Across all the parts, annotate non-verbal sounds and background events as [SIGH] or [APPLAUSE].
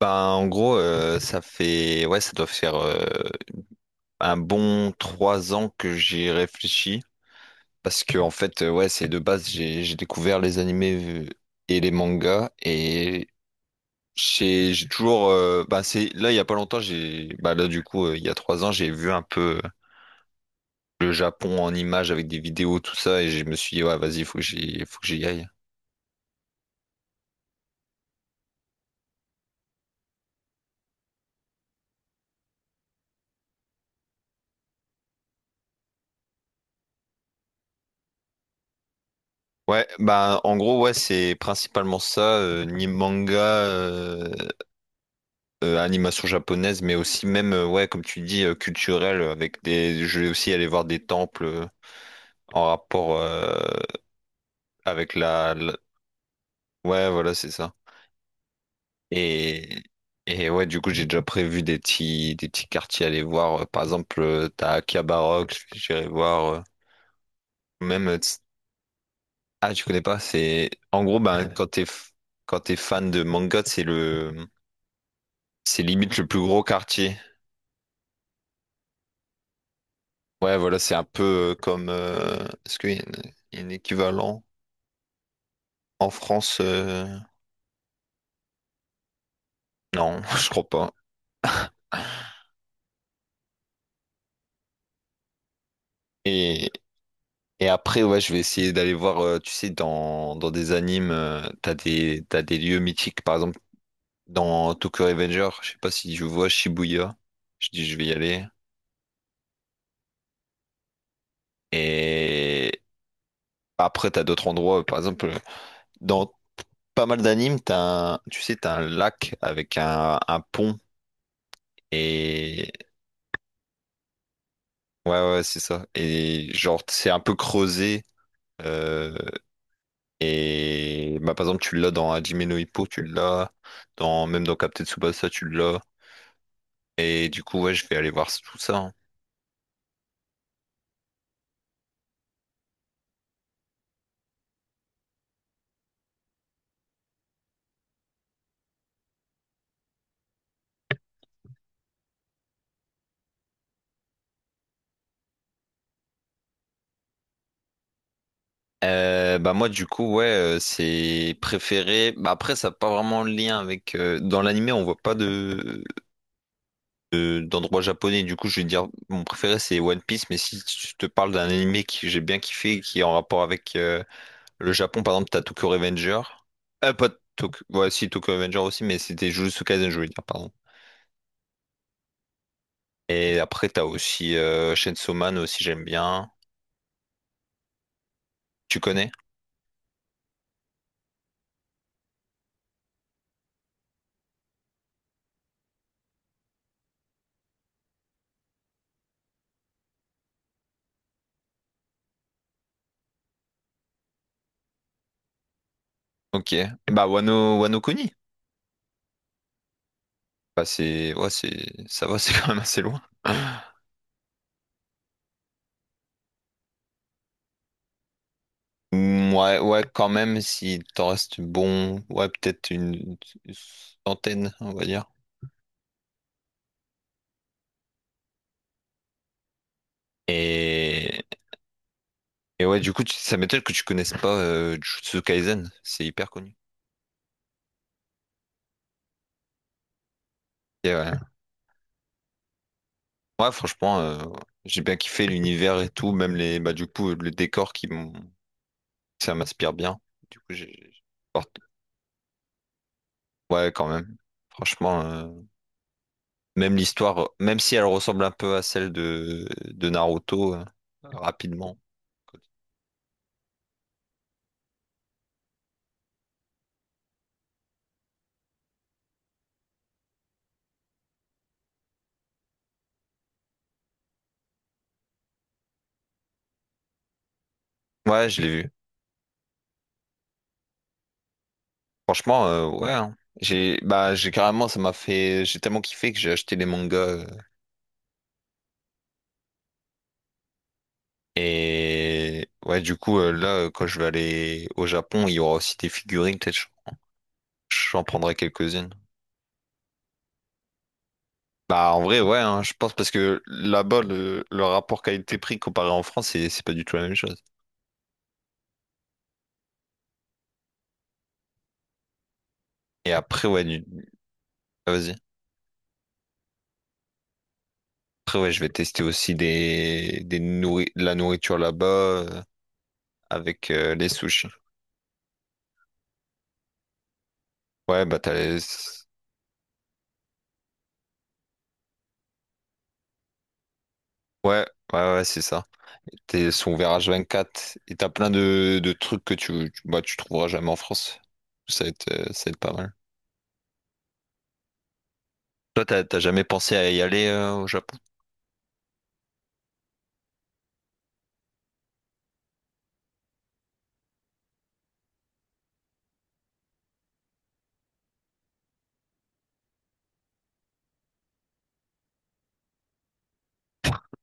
Bah, en gros, ça fait, ouais, ça doit faire un bon trois ans que j'y réfléchis. Parce que, en fait, ouais, c'est de base, j'ai découvert les animés euh, et les mangas. Et j'ai toujours. Bah, c'est, là, il y a pas longtemps, j'ai. Bah, là, du coup, il y a trois ans, j'ai vu un peu le Japon en images avec des vidéos, tout ça. Et je me suis dit, ouais, vas-y, faut que j'y aille. Ouais, bah en gros, ouais, c'est principalement ça, ni manga, animation japonaise, mais aussi même, ouais, comme tu dis, culturelle, avec des. Je vais aussi aller voir des temples en rapport avec la. Ouais, voilà, c'est ça. Et, et ouais, du coup, j'ai déjà prévu des petits quartiers à aller voir. Par exemple, t'as Akihabara, que j'irai voir. Même. euh, t's- Ah, tu connais pas? C'est. En gros, ben, quand t'es fan de manga, c'est le. C'est limite le plus gros quartier. Ouais, voilà, c'est un peu comme. Est-ce qu'il y a un équivalent? En France, non, [LAUGHS] je crois pas. Et, et après, ouais, je vais essayer d'aller voir, tu sais, dans des animes, t'as des lieux mythiques. Par exemple, dans Tokyo Revenger, je sais pas si je vois Shibuya, je dis je vais y aller. Et après, t'as d'autres endroits, par exemple, dans pas mal d'animes, t'as un, tu sais, t'as un lac avec un pont. Et ouais, c'est ça. Et genre, c'est un peu creusé. euh, Et bah, par exemple, tu l'as dans Hajime no Ippo, tu l'as dans même dans Captain Tsubasa, tu l'as. Et du coup, ouais, je vais aller voir tout ça, hein. Bah moi, du coup, ouais, c'est préféré, bah après ça n'a pas vraiment de lien avec, dans l'animé on voit pas de d'endroit japonais, du coup je vais dire mon préféré c'est One Piece. Mais si je te parle d'un animé que j'ai bien kiffé et qui est en rapport avec le Japon, par exemple, t'as Tokyo Revenger. Pas Tokyo. Ouais, si, Tokyo Revenger aussi, mais c'était Jujutsu Kaisen, je voulais dire, pardon. Et après, t'as aussi Chainsaw Man aussi, j'aime bien. Tu connais? Ok. Et bah, Wano, Wano Kuni. Bah, c'est. Ouais, c'est. Ça va, [LAUGHS] c'est quand même assez loin. Mm, ouais, quand même, si t'en restes bon. Ouais, peut-être une centaine, on va dire. Et, et ouais, du coup, ça m'étonne que tu connaisses pas Jujutsu Kaisen. C'est hyper connu. Ok, ouais. Ouais, franchement, j'ai bien kiffé l'univers et tout, même les, bah, du coup, le décor ça m'inspire bien. Du coup, porte- ouais, quand même. Franchement, même l'histoire, même si elle ressemble un peu à celle de Naruto, rapidement. Ouais, je l'ai vu. Franchement, ouais, hein. J'ai, bah, j'ai carrément, ça m'a fait, j'ai tellement kiffé que j'ai acheté les mangas. Et ouais, du coup, là, quand je vais aller au Japon, il y aura aussi des figurines, peut-être, j'en prendrai quelques-unes. Bah, en vrai, ouais, hein, je pense, parce que là-bas, le rapport qualité-prix comparé en France, c'est pas du tout la même chose. Et après, ouais, ah, vas-y. Après, ouais, je vais tester aussi des, de la nourriture là-bas avec les sushis. Ouais, bah, t'as les… Ouais, ouais, c'est ça. T'es son ouvert H24 et t'as plein de trucs que bah, tu trouveras jamais en France. Ça va être pas mal. Toi, t'as jamais pensé à y aller au Japon?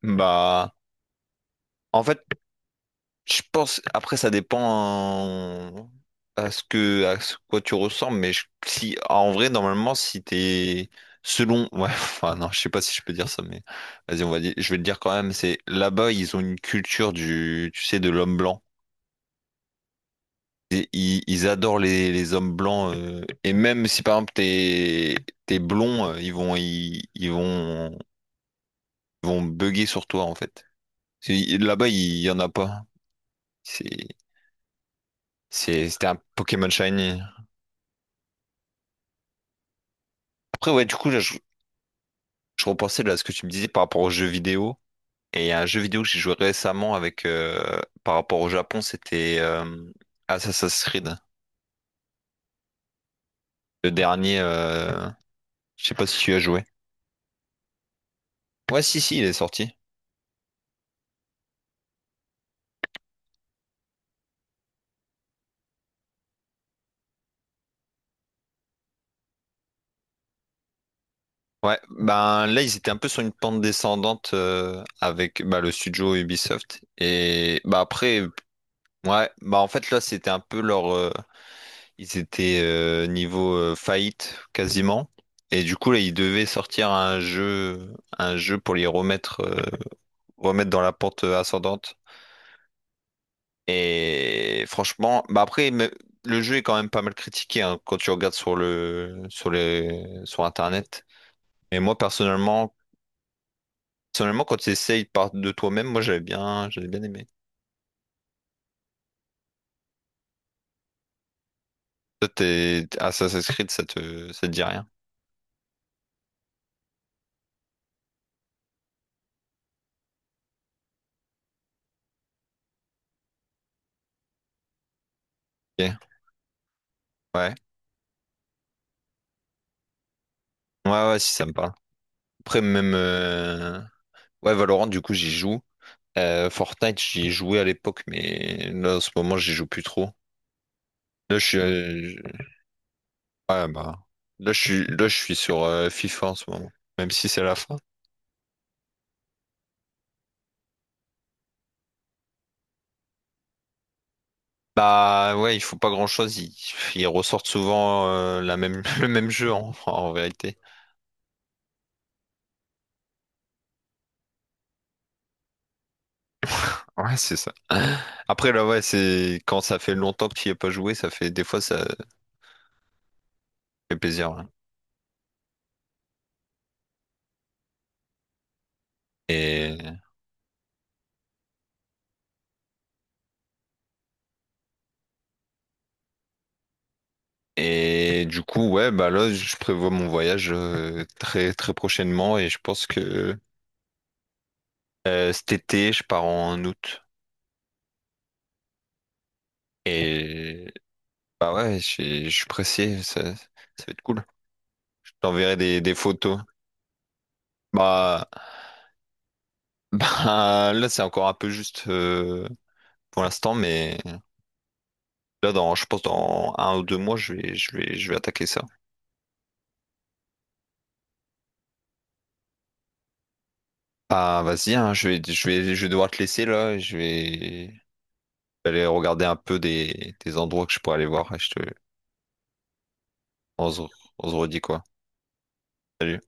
Bah, en fait, je pense, après, ça dépend à ce que, à ce quoi tu ressembles, mais si, en vrai, normalement, si t'es, selon, ouais, [LAUGHS] enfin, non, je sais pas si je peux dire ça, mais vas-y, on va dire, je vais le dire quand même, c'est, là-bas, ils ont une culture du, tu sais, de l'homme blanc. Et ils adorent les hommes blancs, et même si, par exemple, t'es blond, ils vont bugger sur toi, en fait. Là-bas, il y en a pas. C'est, c'était un Pokémon Shiny. Après, ouais, du coup, je repensais là, à ce que tu me disais par rapport aux jeux vidéo. Et il y a un jeu vidéo que j'ai joué récemment avec, par rapport au Japon, c'était Assassin's Creed. Le dernier, je sais pas si tu y as joué. Ouais, si, il est sorti. Ouais, ben là, ils étaient un peu sur une pente descendante avec bah, le studio Ubisoft. Et bah après, ouais, bah en fait, là, c'était un peu leur. Ils étaient niveau faillite quasiment. Et du coup, là, ils devaient sortir un jeu pour les remettre, remettre dans la pente ascendante. Et franchement, bah après, le jeu est quand même pas mal critiqué, hein, quand tu regardes sur le, sur les, sur Internet. Mais personnellement, quand tu essayes par de toi-même, moi, j'avais bien aimé. Toi, t'es Assassin's Creed, ça ça te dit rien. Ok. Ouais. Ouais, ouais, si ça me parle. Après, même, ouais, Valorant, du coup, j'y joue. Fortnite, j'y ai joué à l'époque, mais là, en ce moment, j'y joue plus trop. Là, je suis, je- ouais, bah, là, je suis sur FIFA en ce moment, même si c'est la fin. Bah, ouais, ils font pas grand-chose. Ils ressortent souvent la même, [LAUGHS] le même jeu, en vérité. Ouais, c'est ça. Après, là, ouais, c'est quand ça fait longtemps que tu n'y as pas joué, ça fait des fois, ça fait plaisir, hein. Et Et du coup, ouais, bah là, je prévois mon voyage très très prochainement, et je pense que cet été, je pars en août. Et bah ouais, je suis pressé, ça va être cool. Je t'enverrai des photos. Bah, [LAUGHS] bah là, c'est encore un peu juste pour l'instant, mais je pense dans un ou deux mois, je vais attaquer ça. Ah, vas-y, hein, je vais devoir te laisser là. Je vais aller regarder un peu des endroits que je pourrais aller voir. On se, on se redit quoi? Salut.